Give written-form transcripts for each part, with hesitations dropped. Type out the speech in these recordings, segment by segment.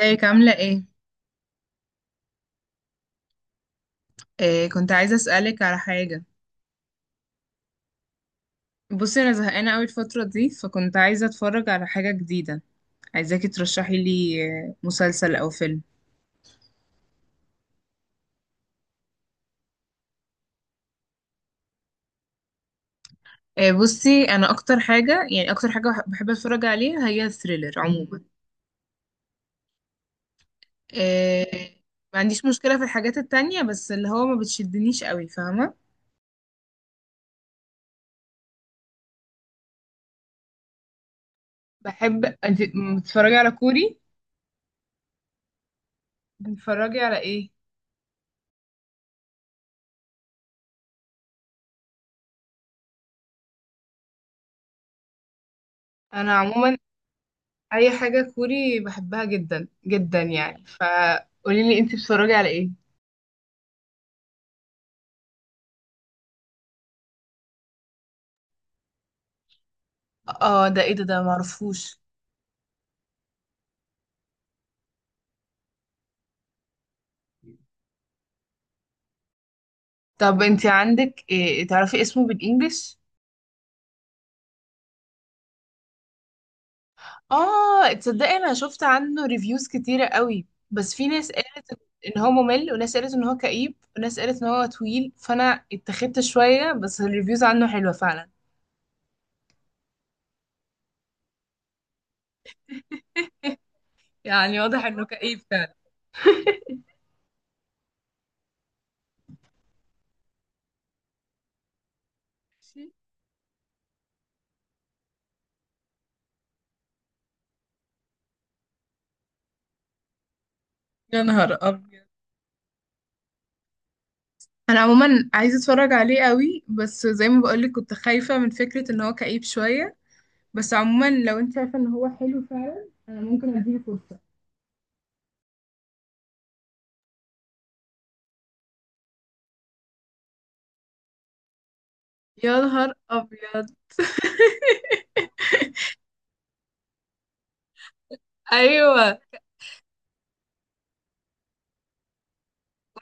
ازيك عاملة ايه؟ إيه، كنت عايزة اسألك على حاجة. بصي، انا زهقانة اوي الفترة دي، فكنت عايزة اتفرج على حاجة جديدة. عايزاكي ترشحي لي. مسلسل او فيلم. إيه، بصي انا اكتر حاجة، يعني اكتر حاجة بحب اتفرج عليها هي الثريلر عموما. إيه، ما عنديش مشكلة في الحاجات التانية بس اللي هو ما بتشدنيش اوي، فاهمة؟ بحب. انت بتتفرجي على كوري؟ بتتفرجي على ايه؟ انا عموما اي حاجة كوري بحبها جدا جدا يعني، ف قولي لي انتي بتتفرجي على ايه. اه، ده ايه؟ ده معرفوش. طب انت عندك، إيه، تعرفي اسمه بالانجلش. اه، تصدقي انا شفت عنه ريفيوز كتيرة قوي، بس في ناس قالت ان هو ممل، وناس قالت ان هو كئيب، وناس قالت ان هو طويل، فانا اتخذت شوية، بس الريفيوز عنه حلوة فعلا. يعني واضح انه كئيب فعلا. يا نهار ابيض! انا عموما عايزه اتفرج عليه قوي، بس زي ما بقولك كنت خايفه من فكره ان هو كئيب شويه. بس عموما لو انت شايفه ان هو حلو فعلا، انا ممكن اديله فرصه. يا نهار ابيض. ايوه،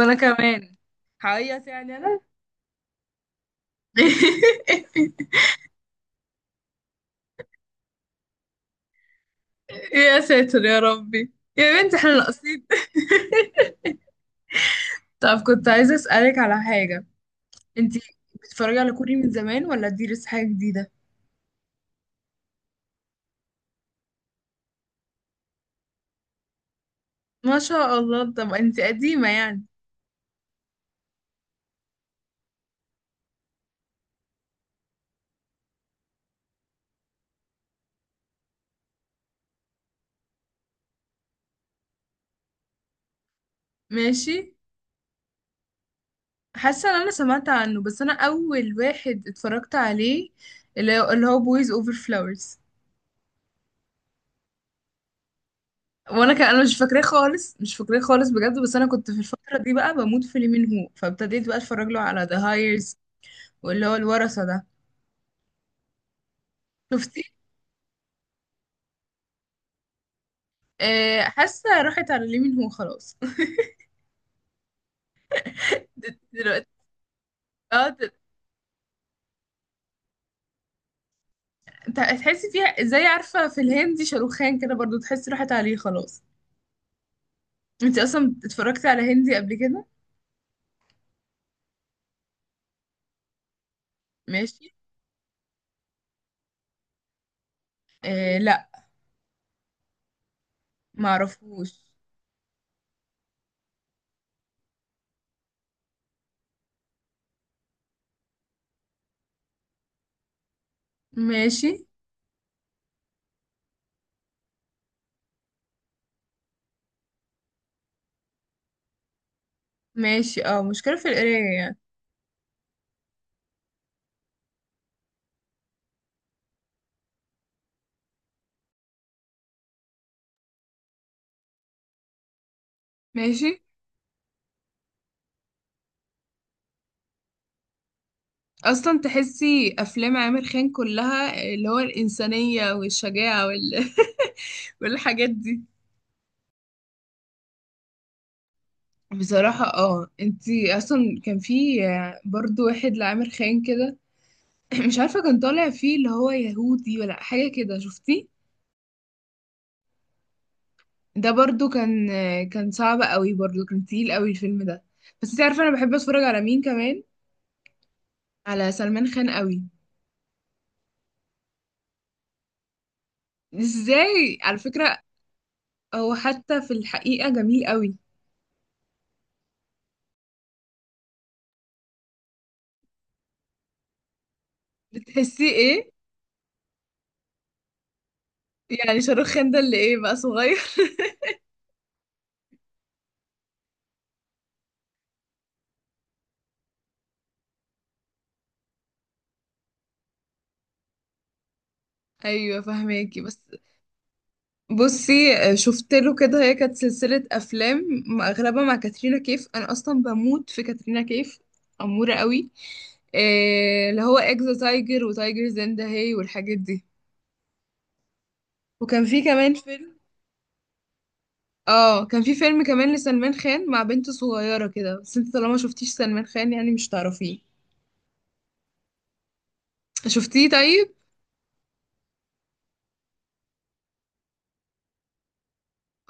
وانا كمان هعيط يعني انا. يا ساتر يا ربي، يا بنت احنا ناقصين! طب كنت عايزه اسالك على حاجه. انتي بتتفرجي على كوري من زمان ولا دي لسه حاجه جديده؟ ما شاء الله، طب انتي قديمه يعني. ماشي. حاسه ان انا سمعت عنه، بس انا اول واحد اتفرجت عليه اللي هو بويز اوفر فلاورز. وانا كان انا مش فاكراه خالص، مش فاكراه خالص، بجد. بس انا كنت في الفتره دي بقى بموت في لي مين هو، فابتديت بقى اتفرج له على ذا هايرز، واللي هو الورثه ده. شفتي؟ حاسه راحت على لي مين هو خلاص. دلوقتي، اه د- تحسي فيها زي، عارفه، في الهندي شاروخان كده برضو، تحسي راحت عليه خلاص. انت اصلا اتفرجتي على هندي قبل كده؟ ماشي. آه لا، معرفوش. ماشي. ماشي، اه مشكله في القرايه يعني. ماشي. اصلا تحسي افلام عامر خان كلها اللي هو الانسانيه والشجاعه وال... والحاجات دي. بصراحه. اه، انتي اصلا كان في برضو واحد لعامر خان كده. مش عارفه، كان طالع فيه اللي هو يهودي ولا حاجه كده، شفتيه؟ ده برضو كان صعب قوي، برضو كان تقيل قوي الفيلم ده. بس انتي عارفه انا بحب اتفرج على مين كمان؟ على سلمان خان قوي. ازاي على فكره؟ هو حتى في الحقيقه جميل قوي. بتحسيه ايه؟ يعني شاروخان ده اللي ايه بقى، صغير؟ ايوه، فهماكي بس. بصي، شفت له كده هي كانت سلسله افلام، اغلبها مع كاترينا كيف، انا اصلا بموت في كاترينا كيف، اموره قوي. اللي هو اكزا تايجر وتايجر زندا هي والحاجات دي. وكان في كمان فيلم. اه، كان في فيلم كمان لسلمان خان مع بنت صغيره كده. بس انت طالما شفتيش سلمان خان، يعني مش تعرفيه. شفتيه؟ طيب.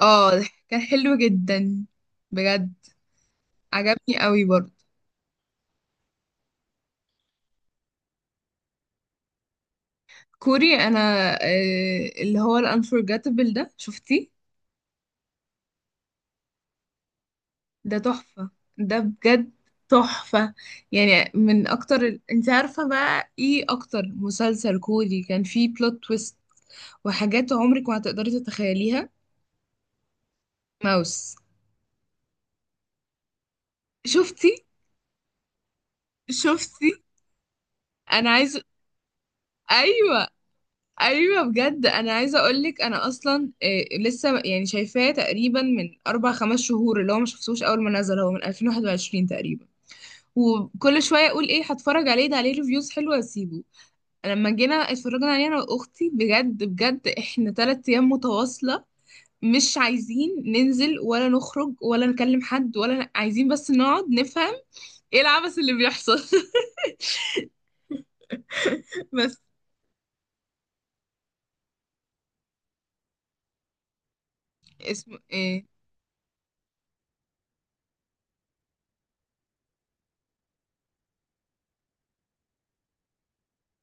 اه، كان حلو جدا، بجد. عجبني قوي برضه. كوري، انا اللي هو الانفورجيتابل ده، شفتيه؟ ده تحفة. ده بجد تحفة. يعني من اكتر انت عارفة بقى ايه اكتر مسلسل كوري كان فيه بلوت تويست وحاجات عمرك ما هتقدري تتخيليها؟ ماوس. شفتي؟ شفتي؟ انا عايزة. ايوه. ايوه، بجد انا عايزه اقولك انا اصلا، لسه يعني شايفاه تقريبا من اربع خمس شهور. اللي هو ما شفتوش اول ما نزل، هو من 2021 تقريبا. وكل شويه اقول ايه هتفرج عليه ده، عليه ريفيوز حلوه، اسيبه. لما جينا اتفرجنا عليه انا واختي، بجد احنا تلات ايام متواصله مش عايزين ننزل ولا نخرج ولا نكلم حد عايزين بس نقعد نفهم ايه العبث اللي بيحصل. بس اسمه ايه؟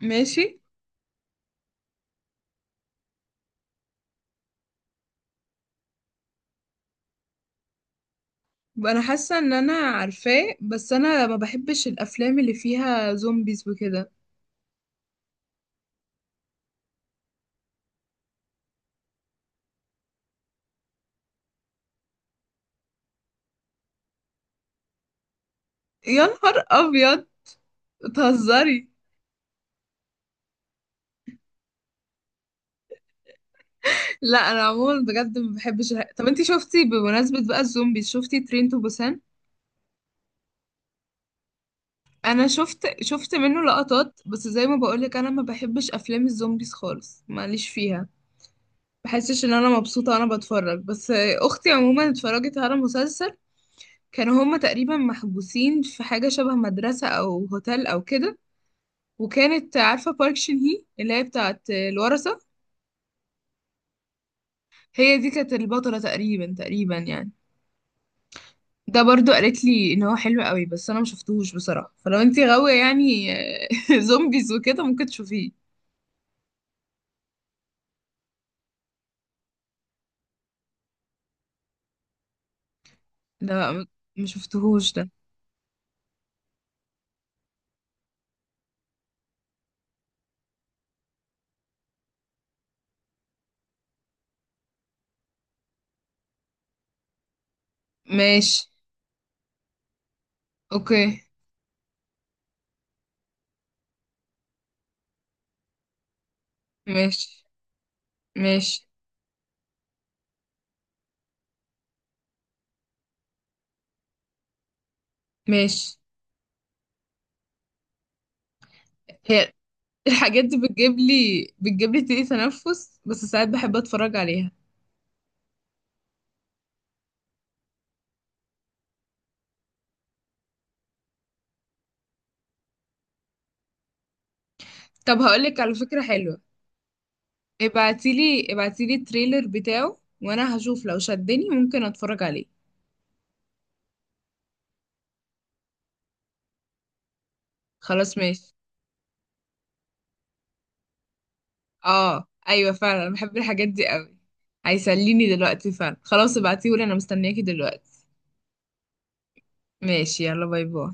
ماشي. انا حاسه ان انا عارفاه، بس انا ما بحبش الافلام اللي فيها زومبيز وكده. يا نهار ابيض، بتهزري! لا، انا عموما بجد ما بحبش طب انتي شفتي، بمناسبة بقى الزومبي، شفتي ترين تو بوسان؟ انا شفت منه لقطات، بس زي ما بقولك انا ما بحبش افلام الزومبيز خالص، ماليش فيها. بحسش ان انا مبسوطة وانا بتفرج. بس اختي عموما اتفرجت على مسلسل كانوا هما تقريبا محبوسين في حاجة شبه مدرسة او هوتيل او كده، وكانت، عارفة، بارك شين هي اللي هي بتاعت الورثة، هي دي كانت البطلة تقريبا، تقريبا يعني. ده برضو قالت لي ان هو حلو قوي بس انا ما شفتهوش بصراحه، فلو انتي غاويه يعني زومبيز وكده ممكن تشوفيه. لا ما شفتهوش ده. ماشي. اوكي. ماشي. ماشي. ماشي. هي الحاجات دي بتجيب لي ضيق تنفس، بس ساعات بحب اتفرج عليها. طب هقولك على فكره حلوه. ابعتيلي التريلر بتاعه وانا هشوف لو شدني ممكن اتفرج عليه. خلاص ماشي. اه ايوه، فعلا انا بحب الحاجات دي قوي. هيسليني دلوقتي فعلا. خلاص ابعتيهولي، انا مستنياكي دلوقتي. ماشي، يلا باي باي.